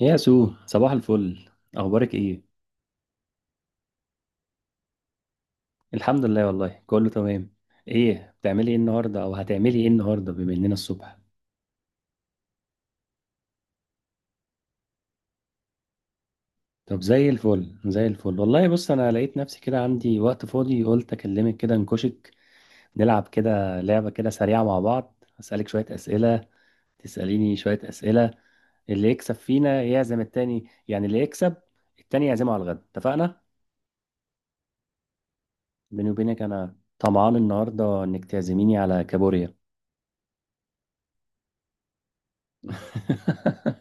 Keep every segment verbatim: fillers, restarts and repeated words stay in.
يا سو، صباح الفل. اخبارك ايه؟ الحمد لله، والله كله تمام. ايه بتعملي ايه النهارده، او هتعملي ايه النهارده بما اننا الصبح؟ طب زي الفل زي الفل. والله بص، انا لقيت نفسي كده عندي وقت فاضي، قلت اكلمك كده نكشك، نلعب كده لعبه كده سريعه مع بعض. اسالك شويه اسئله، تساليني شويه اسئله، اللي يكسب فينا يعزم التاني، يعني اللي يكسب التاني يعزمه على الغدا، اتفقنا؟ بيني وبينك انا طمعان النهارده انك تعزميني على كابوريا.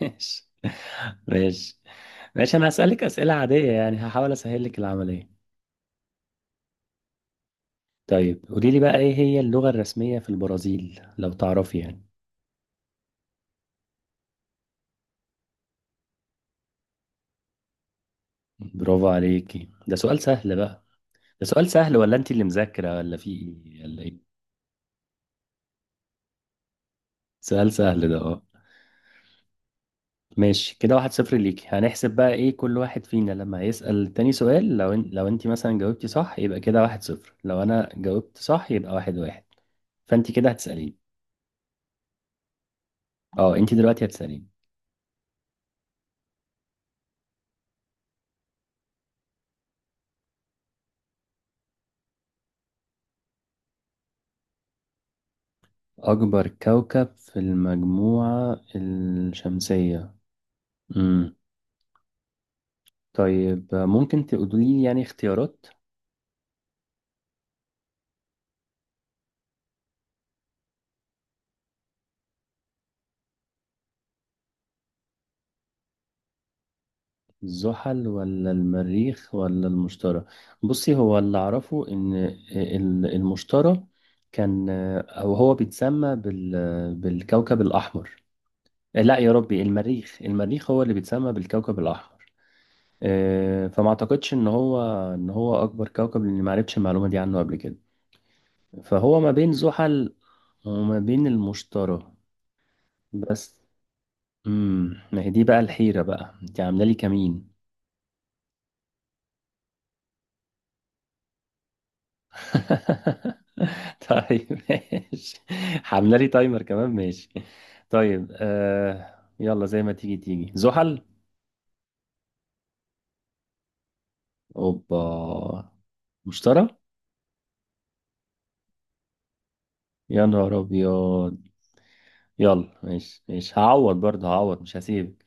ماشي، ماشي، ماشي. انا هسألك أسئلة عادية، يعني هحاول اسهل لك العملية. طيب، قولي لي بقى ايه هي اللغة الرسمية في البرازيل، لو تعرفي يعني. برافو عليكي، ده سؤال سهل بقى. ده سؤال سهل، ولا انت اللي مذاكرة، ولا في ايه ولا ايه؟ سؤال سهل ده، اه. ماشي، كده واحد صفر ليكي. هنحسب بقى ايه، كل واحد فينا لما يسأل تاني سؤال، لو إن... لو انت مثلا جاوبتي صح يبقى كده واحد صفر، لو انا جاوبت صح يبقى واحد واحد. فانت كده هتسأليني. اه، انت دلوقتي هتسأليني. أكبر كوكب في المجموعة الشمسية. مم. طيب، ممكن تقولي يعني اختيارات؟ الزحل ولا المريخ ولا المشتري؟ بصي، هو اللي أعرفه إن ال- المشتري كان، أو هو بيتسمى بال- بالكوكب الأحمر. لا يا ربي، المريخ، المريخ هو اللي بيتسمى بالكوكب الأحمر. آه، فما اعتقدش ان هو، ان هو اكبر كوكب، لاني ما عرفتش المعلومه دي عنه قبل كده. فهو ما بين زحل وما بين المشترى بس. امم ما هي دي بقى الحيرة، بقى انت عاملة لي كمين. طيب ماشي، عاملة لي تايمر كمان، ماشي. طيب آه، يلا زي ما تيجي تيجي، زحل. اوبا. مشترى. يا نهار ابيض. يلا ماشي ماشي، هعوض برضه، هعوض مش هسيبك.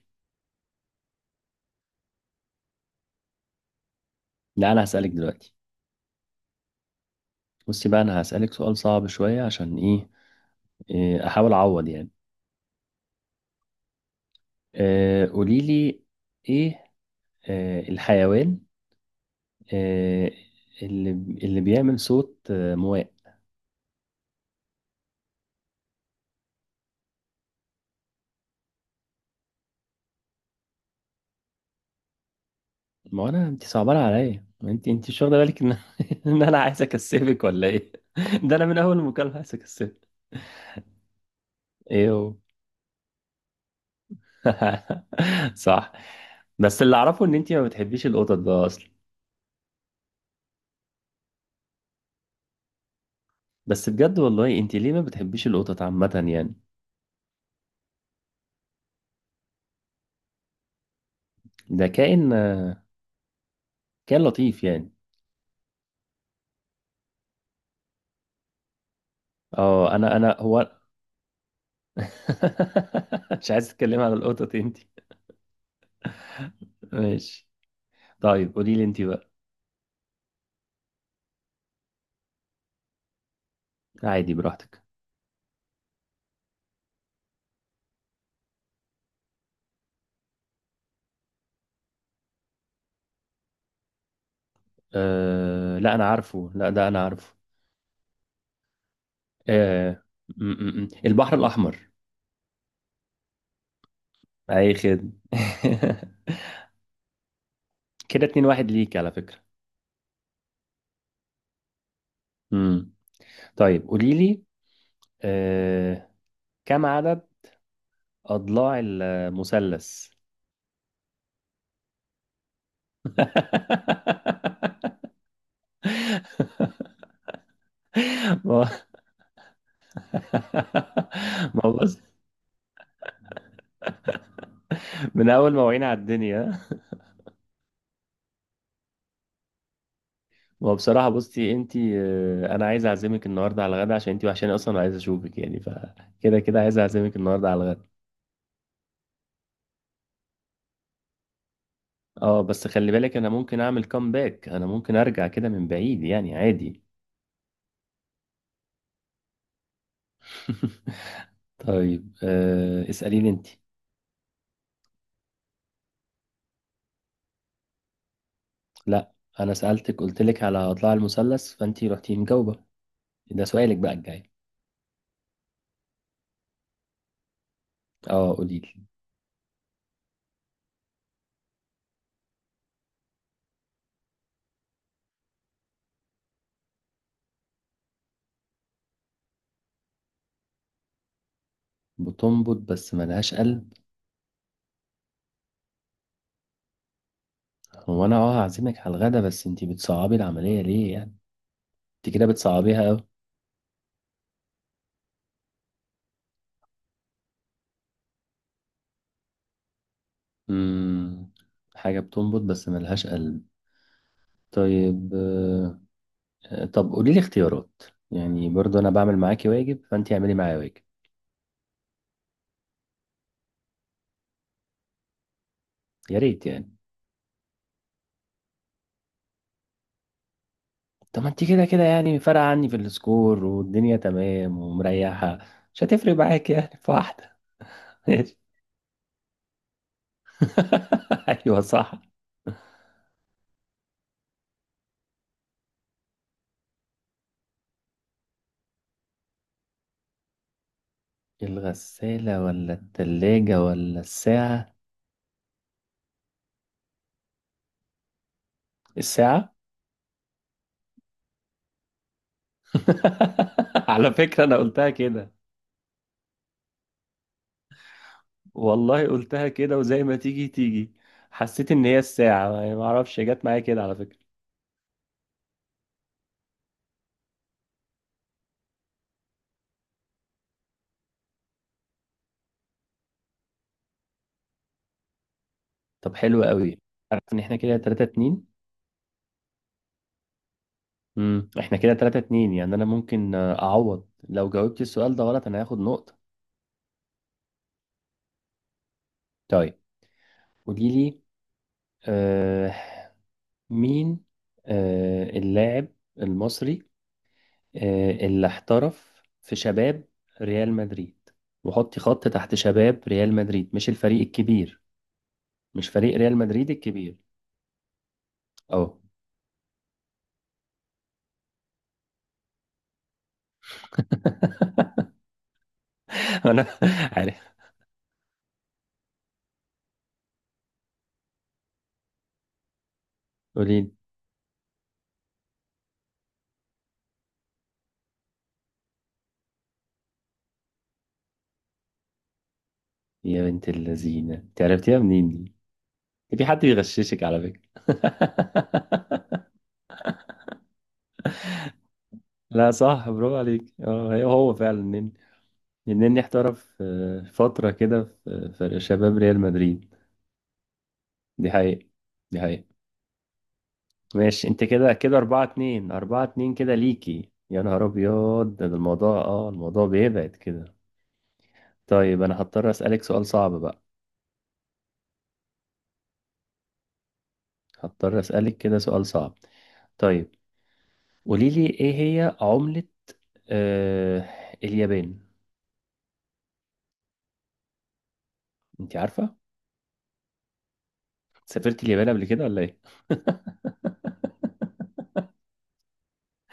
لا، انا هسألك دلوقتي. بصي بقى، انا هسألك سؤال صعب شوية، عشان ايه, إيه، احاول اعوض يعني. آه قولي لي، ايه آه، الحيوان، آه، اللي اللي بيعمل صوت، آه، مواء. ما انا انت صعبانه عليا، ما انت انت مش واخده بالك ان ان انا عايز اكسبك ولا ايه؟ ده انا من اول المكالمه عايز اكسبك. ايه هو؟ صح. بس اللي اعرفه ان انت ما بتحبيش القطط بقى اصلا. بس بجد والله، انت ليه ما بتحبيش القطط عامه يعني؟ ده كائن، آه، كائن لطيف يعني. اه، انا انا هو مش عايز اتكلم عن القطط، انت. ماشي. طيب قولي لي انت بقى. عادي، براحتك. أه لا، انا عارفه، لا ده انا عارفه. أه. م -م -م. البحر الاحمر. اي خد. كده اتنين واحد ليك على فكرة. امم. طيب قولي لي. أه، كم عدد اضلاع المثلث؟ ما ما هو بص، من اول ما وعينا على الدنيا. ما هو بصراحة، بصي انت، انا عايز اعزمك النهارده على الغدا، عشان انت وحشاني اصلا وعايز اشوفك يعني. فكده كده عايز اعزمك النهارده على الغدا. اه بس خلي بالك، انا ممكن اعمل كومباك، انا ممكن ارجع كده من بعيد يعني عادي. طيب آه، اسأليني انت. لا، انا سألتك، قلت لك على اضلاع المثلث فانت رحتي مجاوبة. ده سؤالك بقى الجاي. اه قولي لي. بتنبض بس ملهاش قلب. هو انا اه هعزمك على الغدا، بس انت بتصعبي العملية ليه يعني؟ انت كده بتصعبيها قوي. امم. حاجة بتنبض بس ملهاش قلب. طيب. آه طب قولي لي اختيارات، يعني برضو انا بعمل معاكي واجب فانت اعملي معايا واجب. يا ريت يعني. طب ما انت كده كده يعني فارقة عني في السكور والدنيا تمام ومريحة، مش هتفرق معاك يعني في واحدة. ماشي. ايوه صح. الغسالة ولا التلاجة ولا الساعة؟ الساعة. على فكرة أنا قلتها كده، والله قلتها كده وزي ما تيجي تيجي. حسيت إن هي الساعة يعني، ما أعرفش جت معايا كده على فكرة. طب حلو قوي. عارف إن إحنا كده ثلاثة اتنين. امم، احنا كده ثلاثة اتنين، يعني انا ممكن آه، اعوض. لو جاوبت السؤال ده غلط انا هاخد نقطة. طيب قولي لي، آه، مين، آه اللاعب المصري، آه اللي احترف في شباب ريال مدريد، وحطي خط تحت شباب ريال مدريد، مش الفريق الكبير، مش فريق ريال مدريد الكبير. اه. انا عارف. قولي لي. يا بنت اللذينة، انت عرفتيها منين دي؟ في حد بيغششك على فكرة. لا صح، برافو عليك، اه، هي هو فعلا النني. النني احترف، آه، فترة كده في في شباب ريال مدريد. دي حقيقة، دي حقيقة. ماشي، انت كده كده أربعة اتنين، أربعة اتنين كده ليكي، يا نهار أبيض. ده ده الموضوع، اه الموضوع بيبعد كده. طيب أنا هضطر أسألك سؤال صعب بقى، هضطر أسألك كده سؤال صعب. طيب، قولي لي ايه هي عملة، آه، اليابان؟ انت عارفة؟ سافرت اليابان قبل كده ولا ايه؟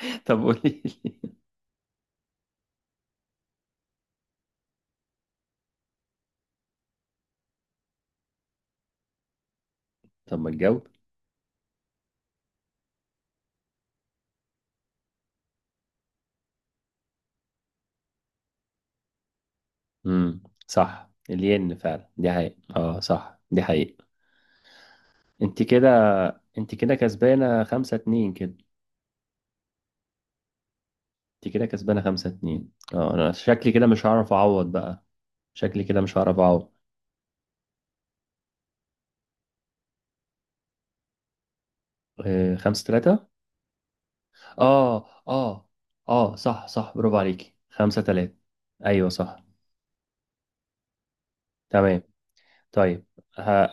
طب قولي لي. طب ما تجاوب. امم، صح، الين فعلا، دي حقيقة. اه صح، دي حقيقة. انت كده، انت كده كسبانة خمسة اتنين كده. انت كده كسبانة خمسة اتنين. اه انا شكلي كده مش هعرف اعوض بقى، شكلي كده مش هعرف اعوض. اه خمسة تلاتة. اه اه، اه صح صح، برافو عليكي، خمسة تلاتة. ايوه صح. تمام. طيب. ها؟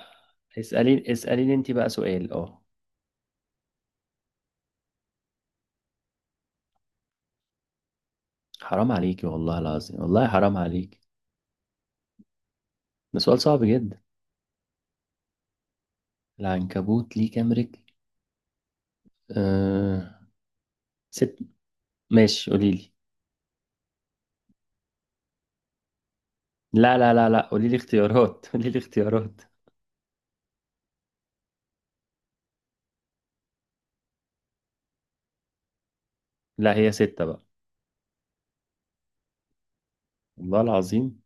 اسألي اسأليني انت بقى سؤال، اه. حرام عليكي والله العظيم، والله حرام عليكي. ده سؤال صعب جدا. العنكبوت ليه كام رجل؟ أه... ست. ماشي، قولي لي. لا لا لا لا، قولي لي اختيارات، قولي لي اختيارات. لا، هي ستة بقى. والله العظيم.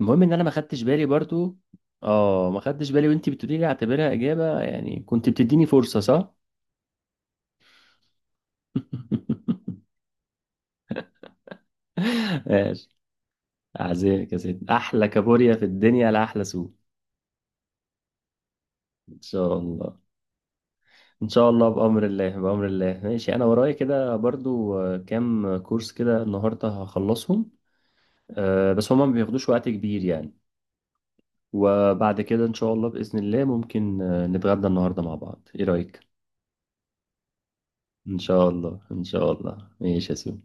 المهم ان انا ما خدتش بالي برضو. اه ما خدتش بالي، وانت بتقولي لي اعتبرها اجابة يعني، كنت بتديني فرصة، صح؟ ماشي. اعزائك يا ست احلى كابوريا في الدنيا لاحلى سوق. ان شاء الله. ان شاء الله بامر الله، بامر الله. ماشي، انا ورايا كده برضو آه، كام كورس كده النهارده هخلصهم. آه، بس هما ما بياخدوش وقت كبير يعني. وبعد كده ان شاء الله باذن الله ممكن، آه، نتغدى النهارده مع بعض، ايه رايك؟ ان شاء الله، ان شاء الله. ماشي يا سو.